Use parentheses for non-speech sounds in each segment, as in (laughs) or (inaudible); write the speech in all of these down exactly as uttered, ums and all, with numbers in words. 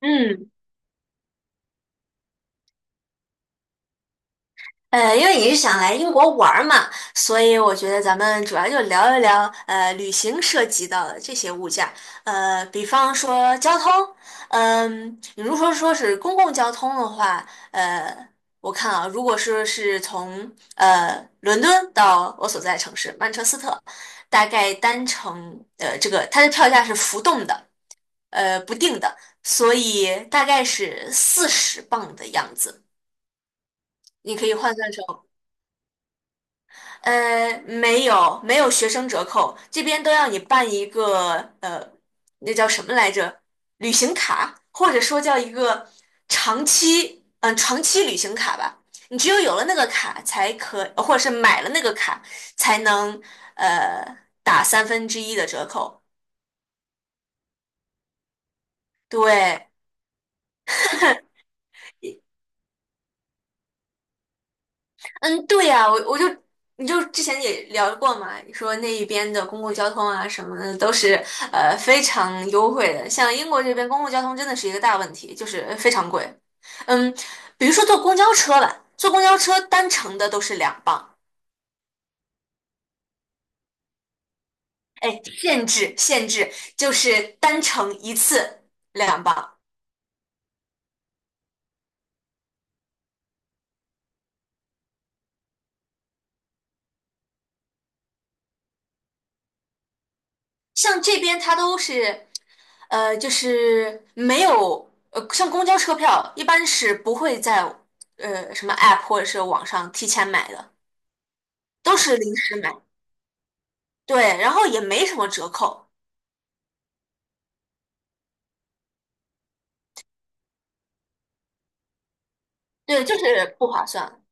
嗯，呃，因为你是想来英国玩儿嘛，所以我觉得咱们主要就聊一聊呃旅行涉及到的这些物价，呃，比方说交通，嗯、你如果说是公共交通的话，呃，我看啊，如果说是从呃伦敦到我所在城市曼彻斯特，大概单程呃这个它的票价是浮动的，呃不定的，所以大概是四十磅的样子，你可以换算成。呃，没有，没有学生折扣，这边都要你办一个呃，那叫什么来着？旅行卡，或者说叫一个长期，嗯、长期旅行卡吧。你只有有了那个卡，才可，或者是买了那个卡，才能呃打三分之一的折扣。对，嗯，对呀，我我就你就之前也聊过嘛，你说那一边的公共交通啊什么的都是呃非常优惠的，像英国这边公共交通真的是一个大问题，就是非常贵。嗯，比如说坐公交车吧，坐公交车单程的都是两磅，哎，限制限制就是单程一次两磅，像这边它都是，呃，就是没有，呃，像公交车票一般是不会在呃什么 A P P 或者是网上提前买的，都是临时买。对，然后也没什么折扣，对，就是不划算。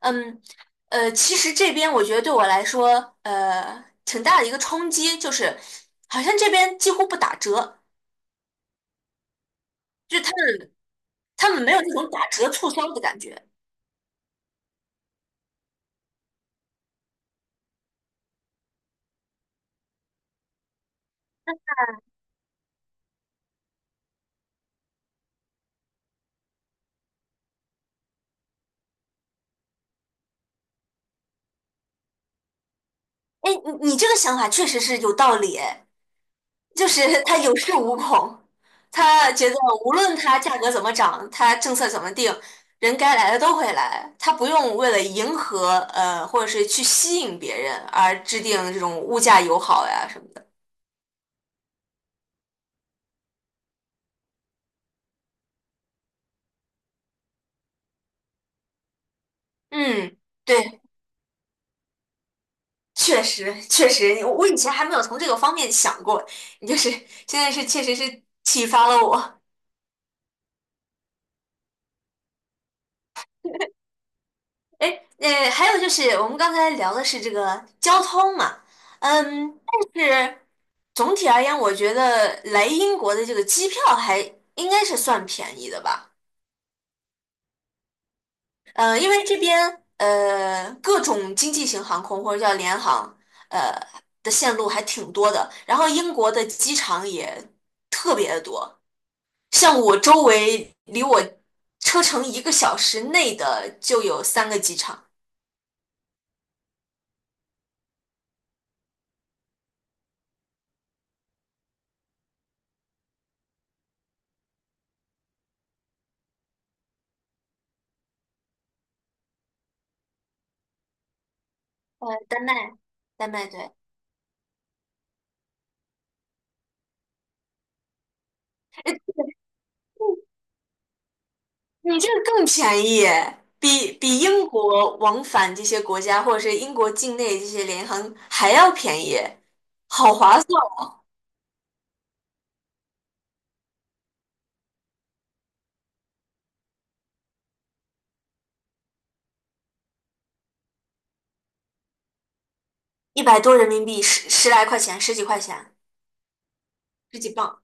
嗯，呃，其实这边我觉得对我来说，呃，挺大的一个冲击，就是好像这边几乎不打折，就是他们他们没有那种打折促销的感觉。哎，你你这个想法确实是有道理诶，就是 (laughs) 他有恃无恐，他觉得无论它价格怎么涨，它政策怎么定，人该来的都会来，他不用为了迎合呃或者是去吸引别人而制定这种物价友好呀什么的。嗯，对，确实确实，我以前还没有从这个方面想过，你就是现在是确实是启发了我。哎，呃，还有就是我们刚才聊的是这个交通嘛，嗯，但是总体而言，我觉得来英国的这个机票还应该是算便宜的吧，嗯、因为这边呃各种经济型航空或者叫联航呃的线路还挺多的，然后英国的机场也特别的多，像我周围离我车程一个小时内的就有三个机场，呃，丹麦，丹麦对。你这个更便宜耶，比比英国往返这些国家，或者是英国境内这些联航还要便宜，好划算！一百多人民币，十十来块钱，十几块钱，十几磅。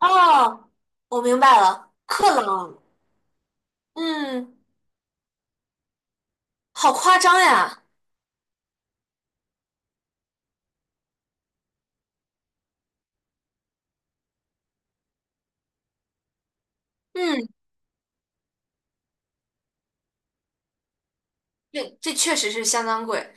哦，我明白了，克朗，嗯，好夸张呀，嗯，这这确实是相当贵。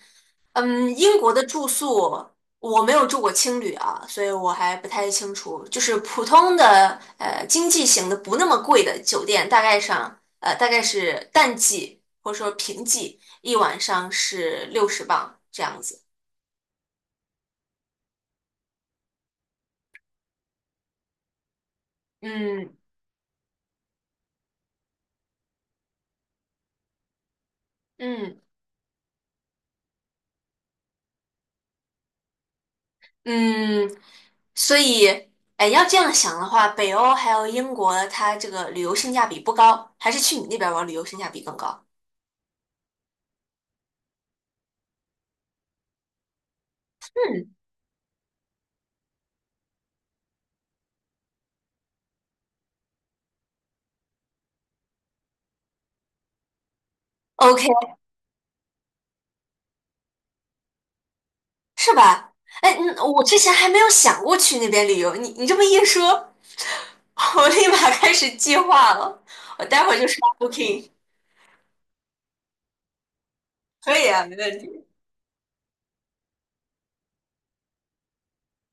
嗯，英国的住宿我没有住过青旅啊，所以我还不太清楚。就是普通的呃经济型的不那么贵的酒店，大概上呃大概是淡季或者说平季，一晚上是六十磅这样子。嗯嗯嗯，所以哎，要这样想的话，北欧还有英国，它这个旅游性价比不高，还是去你那边玩旅游性价比更高。嗯。OK，是吧？哎，嗯我之前还没有想过去那边旅游，你你这么一说，(laughs) 我立马开始计划了。我待会儿就刷 Booking，可以啊，没问题，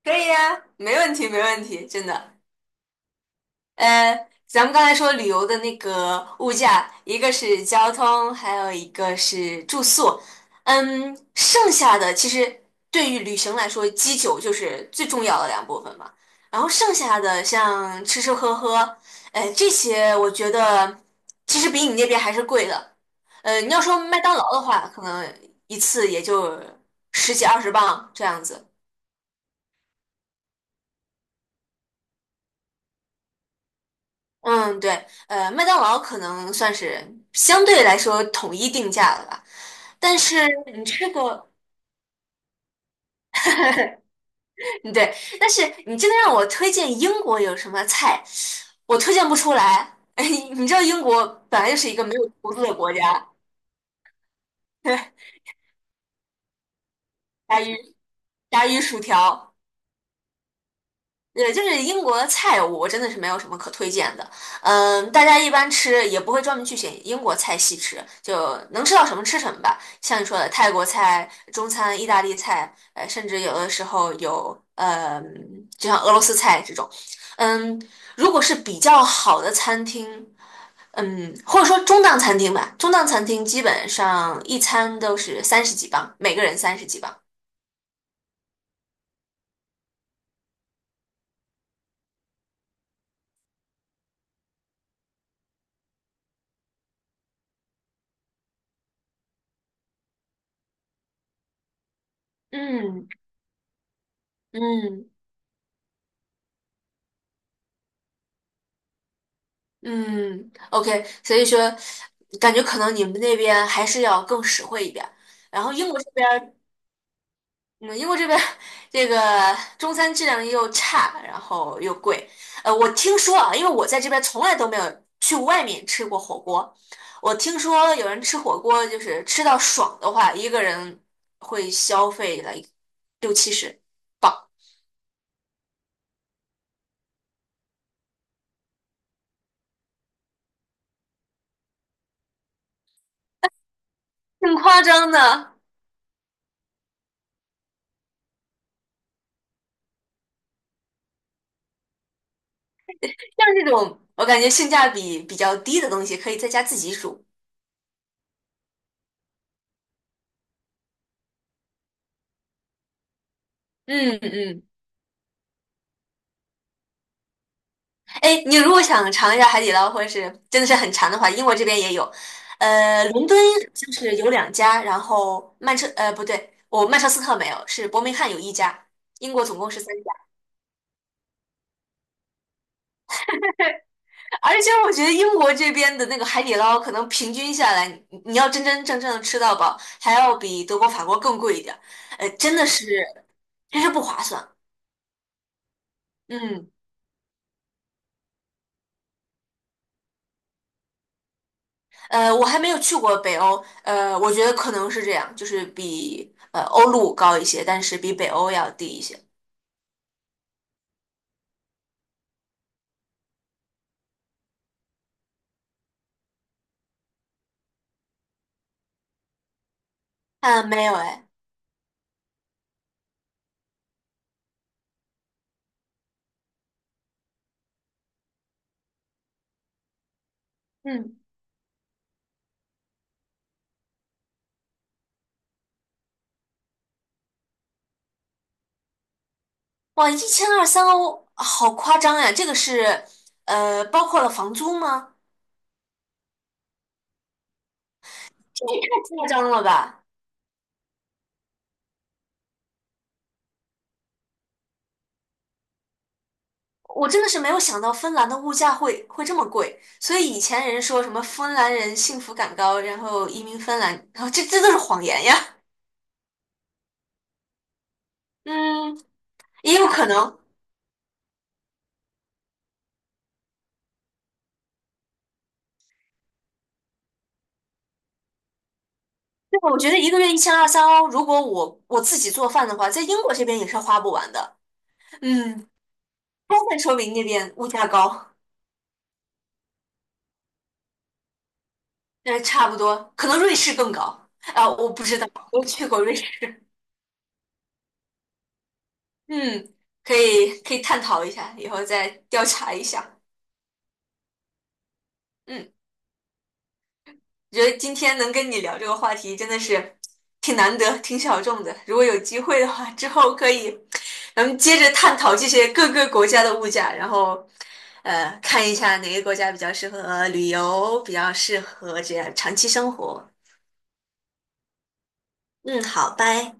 可以啊，没问题，没问题，真的。呃，咱们刚才说旅游的那个物价，一个是交通，还有一个是住宿。嗯，剩下的其实对于旅行来说，基酒就是最重要的两部分嘛。然后剩下的像吃吃喝喝，哎，这些我觉得其实比你那边还是贵的。呃，你要说麦当劳的话，可能一次也就十几二十磅这样子。嗯，对，呃，麦当劳可能算是相对来说统一定价了吧，但是你吃过？(laughs) 对，但是你真的让我推荐英国有什么菜，我推荐不出来。(laughs) 哎，你知道英国本来就是一个没有厨子的国家，(laughs) 炸鱼、炸鱼薯条。对，就是英国的菜，我真的是没有什么可推荐的。嗯，大家一般吃也不会专门去选英国菜系吃，就能吃到什么吃什么吧。像你说的泰国菜、中餐、意大利菜，呃，甚至有的时候有呃，就像俄罗斯菜这种。嗯，如果是比较好的餐厅，嗯，或者说中档餐厅吧，中档餐厅基本上一餐都是三十几磅，每个人三十几磅。嗯嗯。嗯，OK，所以说，感觉可能你们那边还是要更实惠一点儿，然后英国这边儿，嗯，英国这边儿这个中餐质量又差，然后又贵。呃，我听说啊，因为我在这边从来都没有去外面吃过火锅，我听说有人吃火锅就是吃到爽的话，一个人会消费了六七十镑，挺夸张的。像这种我感觉性价比比较低的东西，可以在家自己煮。嗯嗯。哎，你如果想尝一下海底捞，或者是真的是很馋的话，英国这边也有。呃，伦敦就是有两家，然后曼彻呃不对，我曼彻斯特没有，是伯明翰有一家。英国总共是三家，而且我觉得英国这边的那个海底捞，可能平均下来，你你要真真正正的吃到饱，还要比德国、法国更贵一点儿。呃，真的是，真是不划算。嗯，呃，我还没有去过北欧，呃，我觉得可能是这样，就是比呃欧陆高一些，但是比北欧要低一些。啊，没有哎，嗯，哇，一千二三欧，好夸张呀！这个是呃包括了房租吗？这也太夸张了吧！我真的是没有想到芬兰的物价会会这么贵，所以以前人说什么芬兰人幸福感高，然后移民芬兰，然后这这都是谎言呀。嗯，也有可能，对，我觉得一个月一千二三欧，如果我我自己做饭的话，在英国这边也是花不完的。嗯，充分说明那边物价高，呃，差不多，可能瑞士更高啊，我不知道，我去过瑞士。嗯，可以可以探讨一下，以后再调查一下。嗯。觉得今天能跟你聊这个话题真的是挺难得、挺小众的。如果有机会的话，之后可以咱们接着探讨这些各个国家的物价，然后呃，看一下哪个国家比较适合旅游，比较适合这样长期生活。嗯，好，拜。